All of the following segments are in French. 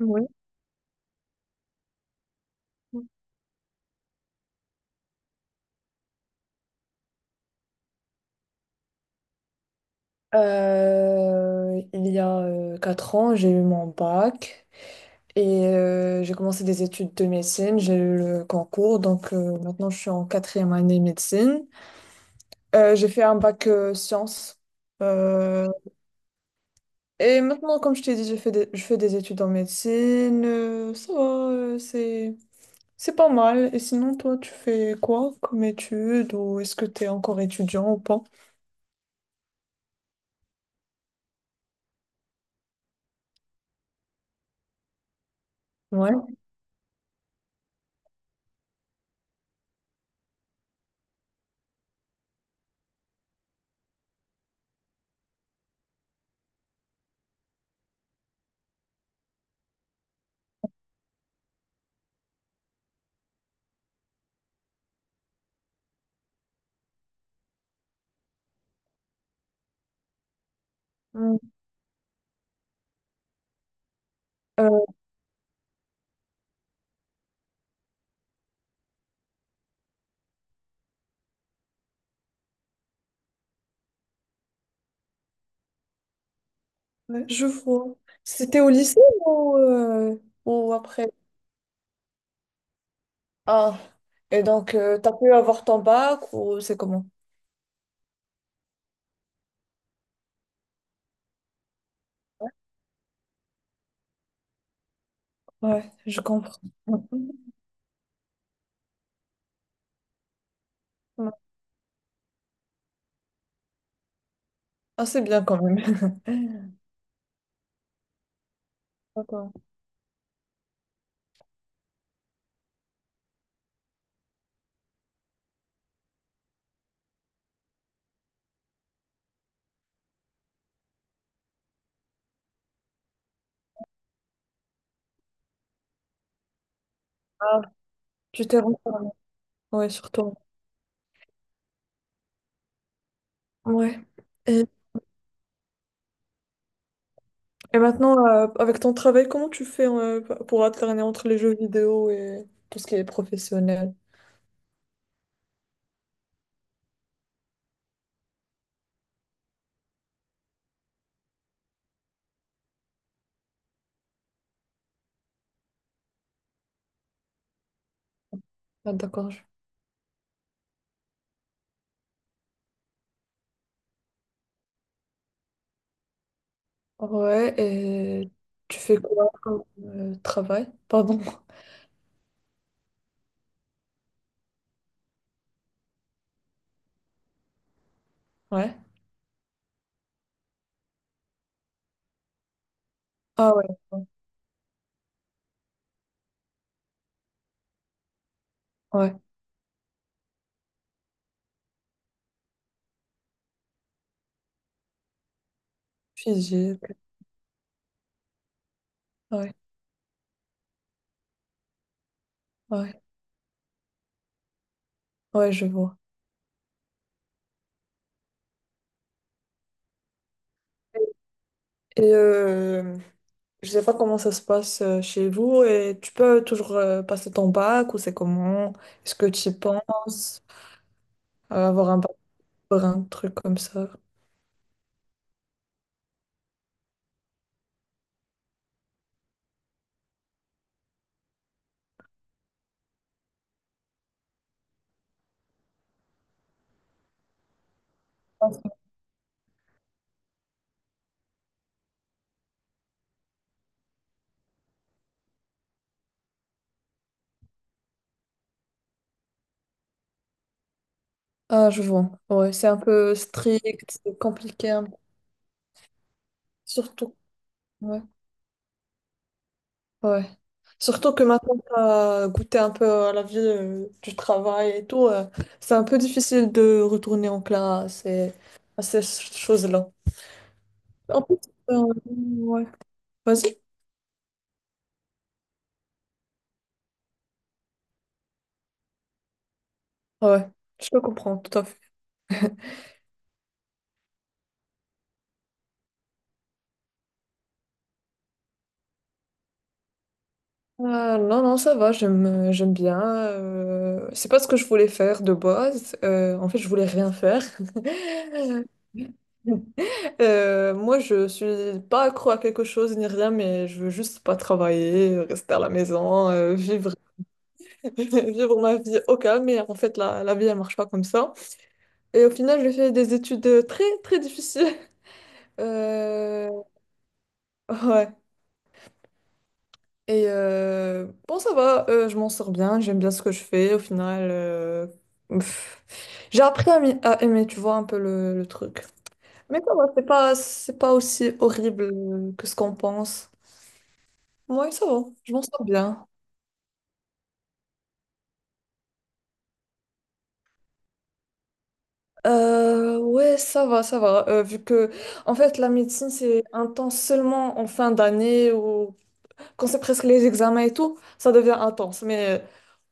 Oui. Il y a 4 ans, j'ai eu mon bac et j'ai commencé des études de médecine. J'ai eu le concours, donc maintenant je suis en quatrième année médecine. J'ai fait un bac sciences. Euh, et maintenant, comme je t'ai dit, je fais des études en médecine. Ça va, c'est pas mal. Et sinon, toi, tu fais quoi comme études ou est-ce que tu es encore étudiant ou pas? Ouais. Mm. Ouais, je vois. C'était au lycée ou, euh, ou après? Ah, et donc, t'as pu avoir ton bac ou c'est comment? Ouais, je comprends. Ouais. Ah, c'est bien quand même. D'accord. Ah, tu t'es renseigné. Ouais, sur toi. Ouais. Et, et maintenant, avec ton travail, comment tu fais pour alterner entre les jeux vidéo et tout ce qui est professionnel? Ah, d'accord. Ouais, et tu fais quoi comme travail? Pardon. Ouais. Ah ouais. Ouais. Figé. Ouais, ouais, ouais, je vois. Et euh, je sais pas comment ça se passe chez vous et tu peux toujours passer ton bac ou c'est comment? Est-ce que tu y penses avoir un bac pour un truc comme ça? Ah, je vois. Ouais, c'est un peu strict, c'est compliqué, un peu. Surtout, ouais, ouais. Surtout que maintenant, tu as goûté un peu à la vie du travail et tout. C'est un peu difficile de retourner en classe et à ces choses-là. En plus, ouais. Vas-y. Ouais, je te comprends, tout à fait. Non, non, ça va, j'aime bien. C'est pas ce que je voulais faire de base. En fait, je voulais rien faire. Moi, je suis pas accro à quelque chose ni rien, mais je veux juste pas travailler, rester à la maison, vivre, vivre ma vie au calme. Mais en fait, la vie, elle marche pas comme ça. Et au final, j'ai fait des études très, très difficiles. Euh, ouais. Bon, ça va, je m'en sors bien, j'aime bien ce que je fais. Au final, pff, j'ai appris à aimer, tu vois, un peu le truc. Mais ça va, c'est pas aussi horrible que ce qu'on pense. Ouais, ça va, je m'en sors bien. Ouais, ça va, ça va. Vu que, en fait, la médecine, c'est intense seulement en fin d'année ou quand c'est presque les examens et tout, ça devient intense. Mais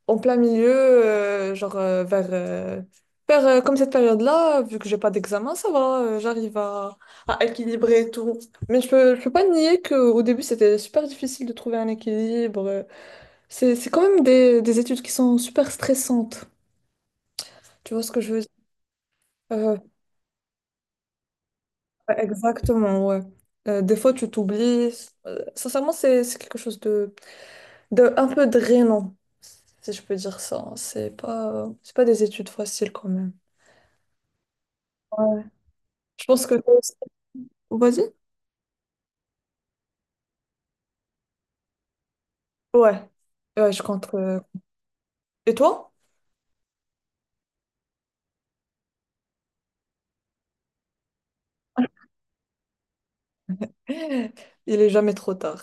en plein milieu, genre vers comme cette période-là, vu que j'ai pas d'examen, ça va, j'arrive à équilibrer et tout. Mais je peux pas nier qu'au début, c'était super difficile de trouver un équilibre. C'est quand même des études qui sont super stressantes. Tu vois ce que je veux dire? Euh, ouais, exactement, ouais. Des fois, tu t'oublies. Sincèrement, c'est quelque chose de un peu drainant, si je peux dire ça. C'est pas des études faciles quand même. Ouais. Je pense que toi. Vas-y. Ouais, ouais, je compte. Et toi? Il est jamais trop tard.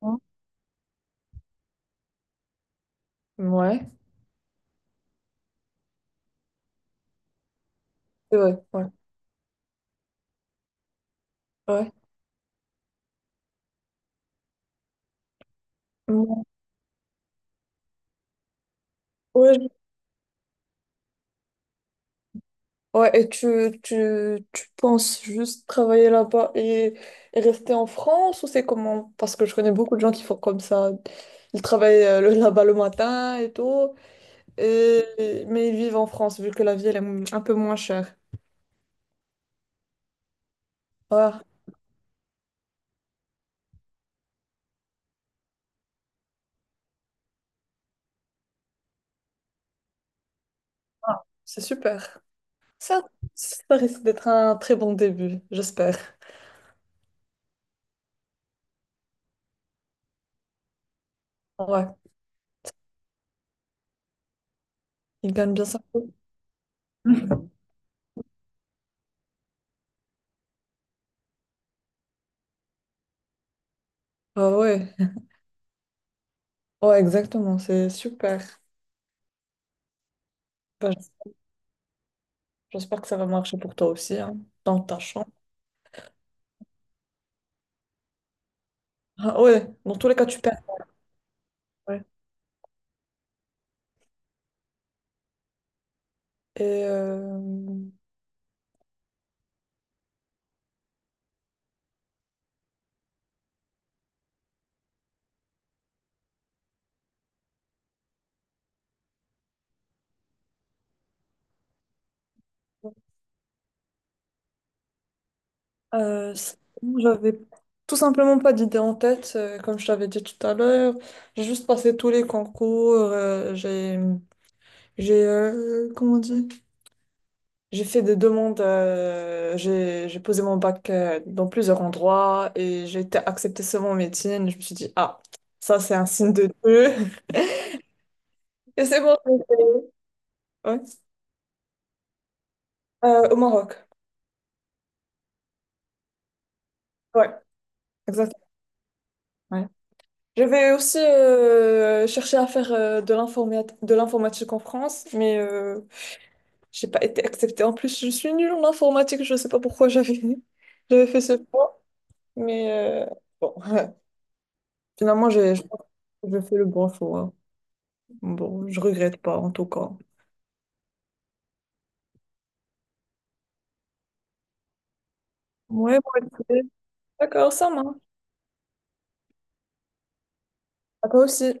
Hein. Ouais, c'est vrai, ouais, ouais. Mm. Ouais, ouais, et tu penses juste travailler là-bas et rester en France ou c'est comment? Parce que je connais beaucoup de gens qui font comme ça. Ils travaillent là-bas le matin et tout, mais ils vivent en France vu que la vie elle est un peu moins chère. Ouais, c'est super. Ça, ça risque d'être un très bon début, j'espère. Ouais. Il gagne bien sa peau. Ah ouais, ouais, exactement, c'est super. Bah, j'espère que ça va marcher pour toi aussi, hein, dans ta chambre. Ah ouais, dans tous les cas, tu perds. Ouais. Et euh, Sinon, j'avais tout simplement pas d'idée en tête, comme je t'avais dit tout à l'heure. J'ai juste passé tous les concours, comment on dit? J'ai fait des demandes, j'ai posé mon bac dans plusieurs endroits et j'ai été acceptée seulement en médecine. Je me suis dit, ah, ça c'est un signe de Dieu. Et c'est bon, je l'ai fait. Ouais. Au Maroc. Ouais, exactement. Ouais. Je vais aussi chercher à faire de l'informatique en France, mais j'ai pas été acceptée. En plus, je suis nulle en informatique, je sais pas pourquoi j'avais j'avais fait ce choix, mais bon, finalement, j'ai je pense que j'ai fait le bon choix. Bon, je regrette pas en tout cas. Ouais, moi aussi. D'accord, ça marche. À toi aussi.